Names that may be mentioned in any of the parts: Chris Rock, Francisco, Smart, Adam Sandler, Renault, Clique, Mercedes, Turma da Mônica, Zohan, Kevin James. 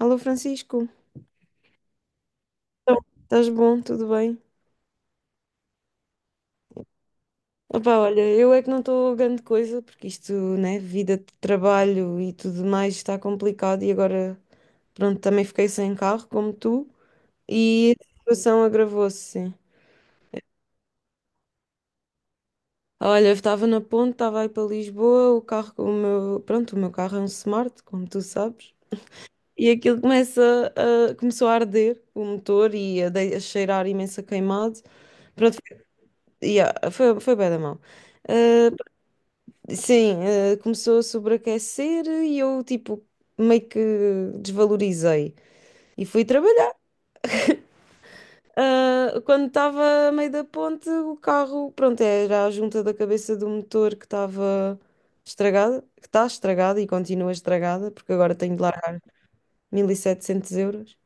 Alô Francisco, estás bom? Tudo bem? Opa, olha, eu é que não estou grande coisa, porque isto, né, vida de trabalho e tudo mais está complicado e agora, pronto, também fiquei sem carro, como tu, e a situação agravou-se, sim. Olha, eu estava na ponte, estava aí para Lisboa, o carro, o meu, pronto, o meu carro é um Smart, como tu sabes, e aquilo começa a, começou a arder, o motor, e a, a cheirar imenso a queimado. Pronto, yeah, foi, foi bem da mão. Sim, começou a sobreaquecer e eu, tipo, meio que desvalorizei e fui trabalhar. Ah, quando estava a meio da ponte, o carro, pronto, era a junta da cabeça do motor que estava estragada, que está estragada e continua estragada, porque agora tenho de largar 1.700 euros.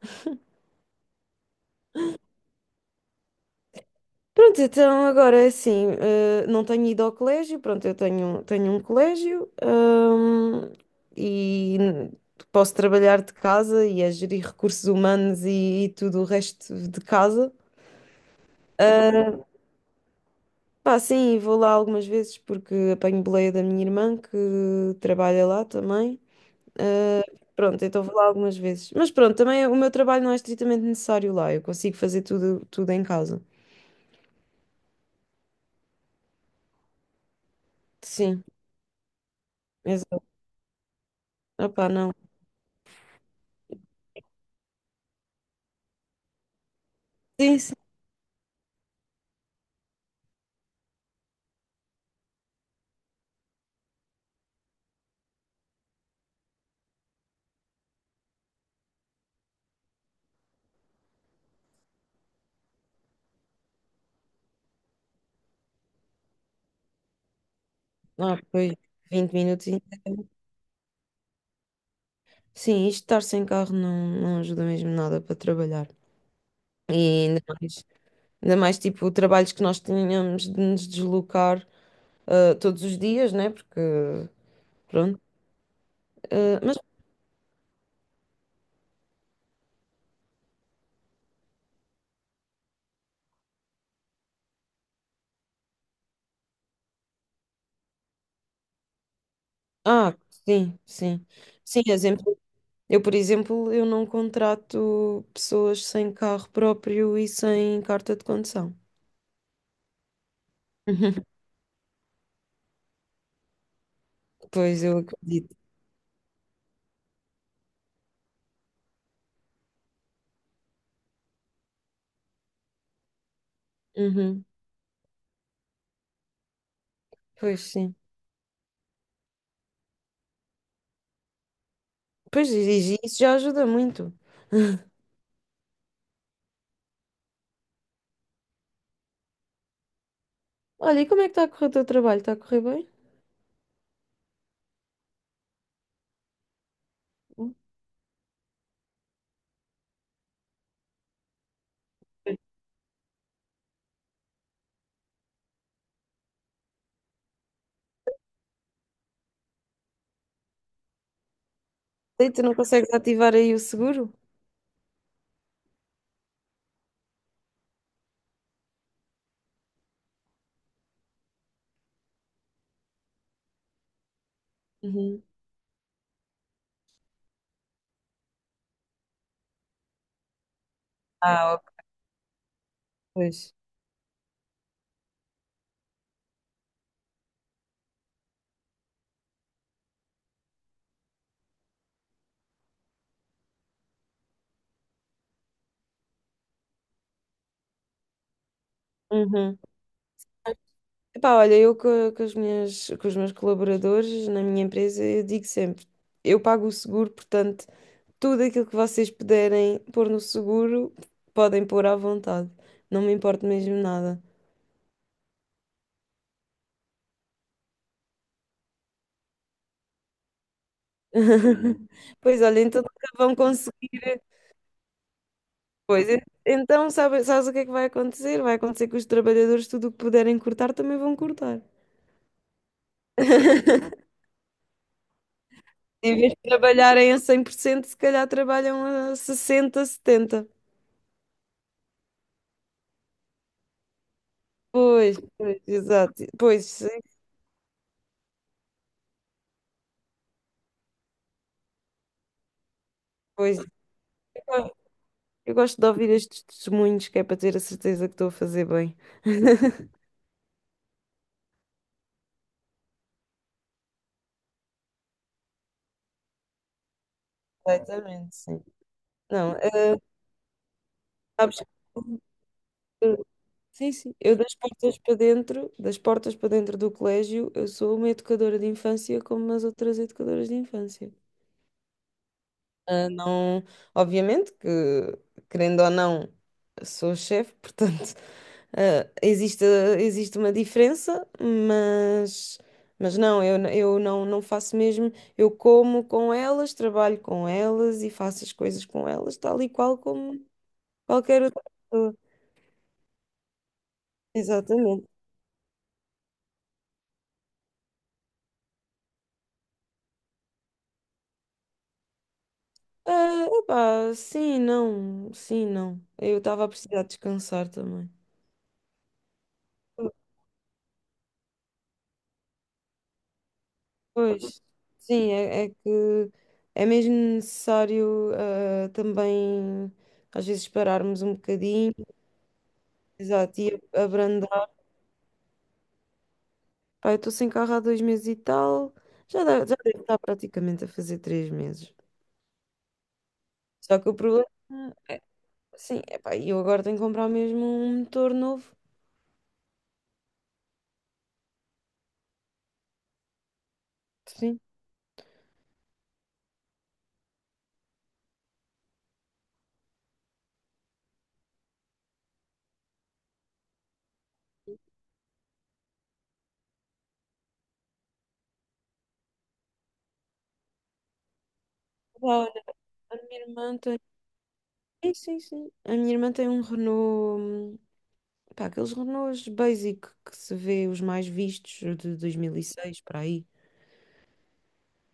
Pronto, então agora é assim, não tenho ido ao colégio, pronto, tenho um colégio, e posso trabalhar de casa e a gerir recursos humanos e tudo o resto de casa. Ah, pá, sim, vou lá algumas vezes porque apanho boleia da minha irmã que trabalha lá também. Ah, pronto, então vou lá algumas vezes. Mas pronto, também o meu trabalho não é estritamente necessário lá, eu consigo fazer tudo, tudo em casa. Sim, exato. Opá, não. Sim, ah, pois, 20 minutos. Sim, isto estar sem carro não ajuda mesmo nada para trabalhar. E ainda mais, ainda mais tipo, trabalhos que nós tínhamos de nos deslocar todos os dias, né? Porque, pronto. Ah, mas, ah, sim, sim. Sim, exemplo, por exemplo, eu não contrato pessoas sem carro próprio e sem carta de condução. Pois, eu acredito. Uhum. Pois, sim. E isso já ajuda muito. Olha, e como é que está a correr o teu trabalho? Está a correr bem? E tu não consegues ativar aí o seguro? Uhum. Ah, ok, pois. Uhum. Epá, olha, com as minhas, com os meus colaboradores na minha empresa, eu digo sempre, eu pago o seguro, portanto, tudo aquilo que vocês puderem pôr no seguro, podem pôr à vontade. Não me importo mesmo nada. Pois olha, então nunca vão conseguir. Pois, en- então sabes o que é que vai acontecer? Vai acontecer que os trabalhadores, tudo o que puderem cortar, também vão cortar. Em vez de trabalharem a 100%, se calhar trabalham a 60, 70. Pois, pois, exato. Pois, sim, pois. Eu eu gosto de ouvir estes testemunhos, que é para ter a certeza que estou a fazer bem. Completamente, sim. Não, sabes, eu- sim, sim. Eu das portas para dentro, das portas para dentro do colégio, eu sou uma educadora de infância como as outras educadoras de infância. Ah, não, obviamente que, querendo ou não, sou chefe, portanto, ah, existe, existe uma diferença, mas não, eu não faço mesmo. Eu como com elas, trabalho com elas e faço as coisas com elas, tal e qual como qualquer outra pessoa. Exatamente. Ah, epá, sim, não, sim, não. Eu estava a precisar descansar também. Pois, sim, é, é que é mesmo necessário também às vezes pararmos um bocadinho, exato, e abrandar. Pá, eu estou sem carro há 2 meses e tal, já, já deve estar praticamente a fazer 3 meses. Só que o problema é, sim, é pá, eu agora tenho que comprar mesmo um motor novo. Sim. Pá, olha, a minha irmã tem. Sim, sim, sim. A minha irmã tem um Renault, pá, aqueles Renaults basic que se vê os mais vistos de 2006 para aí.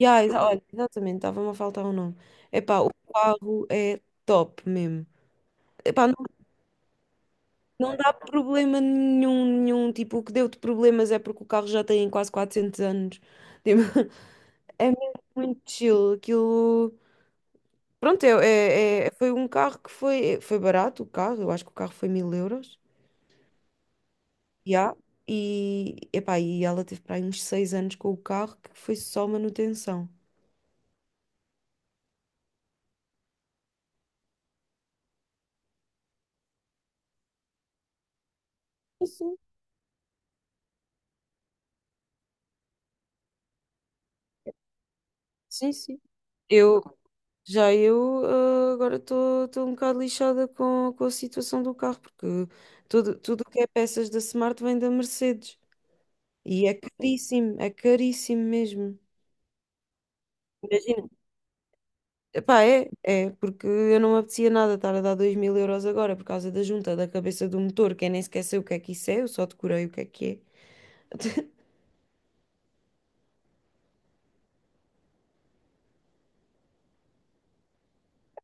Yeah, olha, exatamente, estava-me a faltar o nome. Epá, o carro é top mesmo. Epá, não, não dá problema nenhum, nenhum. Tipo, o que deu-te problemas é porque o carro já tem quase 400 anos. Tipo, é mesmo muito chill. Aquilo. Pronto, é, foi um carro que foi, foi barato, o carro. Eu acho que o carro foi 1.000 euros. Já e, epá, e ela teve para aí uns 6 anos com o carro que foi só manutenção. Sim, sim. Sim, sim. Eu, Já eu, ah, agora estou um bocado lixada com a situação do carro, porque tudo, tudo o que é peças da Smart vem da Mercedes. E é caríssimo mesmo. Imagina. Epá, é, é, porque eu não me apetecia nada estar a dar 2.000 euros agora por causa da junta da cabeça do motor, que eu nem sequer sei o que é que isso é, eu só decorei o que é que é.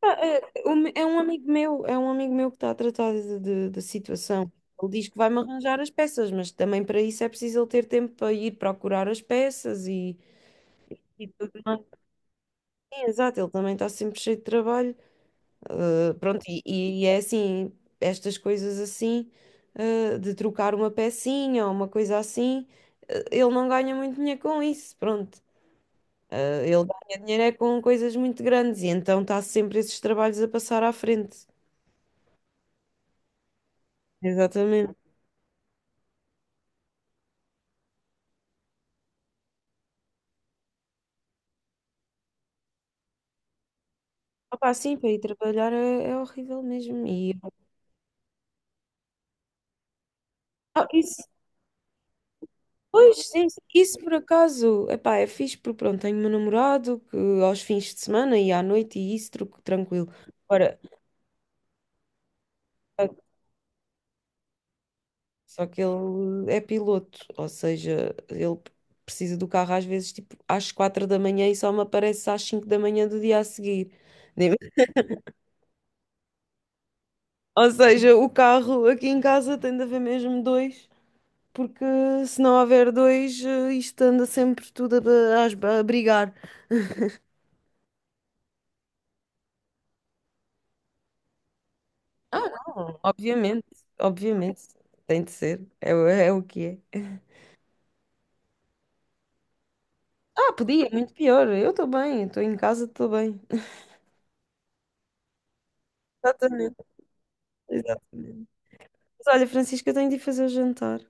É um amigo meu, é um amigo meu que está a tratar da situação. Ele diz que vai-me arranjar as peças, mas também para isso é preciso ele ter tempo para ir procurar as peças e tudo mais. Sim, exato, ele também está sempre cheio de trabalho. Ah, pronto, e é assim, estas coisas assim, ah, de trocar uma pecinha ou uma coisa assim, ah, ele não ganha muito dinheiro com isso, pronto. Ah, ele ganha dinheiro é com coisas muito grandes e então está sempre esses trabalhos a passar à frente. Exatamente. Opa, sim, para ir trabalhar é, é horrível mesmo. E, ah, isso, pois, sim, sim, isso por acaso, epá, é fixe porque pronto, tenho meu namorado que aos fins de semana e à noite e isso tranquilo. Agora, ah, só que ele é piloto, ou seja, ele precisa do carro às vezes tipo às 4 da manhã e só me aparece às 5 da manhã do dia a seguir. Nem- ou seja, o carro aqui em casa tem de haver mesmo dois, porque se não houver dois, isto anda sempre tudo a, a brigar. Ah, não, obviamente, obviamente, tem de ser, é, é o que é. Ah, podia, é muito pior, eu estou bem, estou em casa, estou bem. Exatamente, exatamente. Mas olha, Francisca, eu tenho de ir fazer o jantar.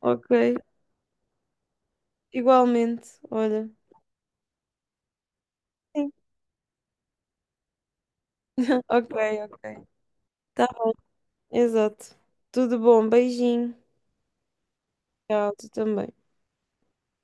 Ok, igualmente, olha. Sim. Ok, ok. Tá, exato. Tudo bom, beijinho. Tchau, tu também.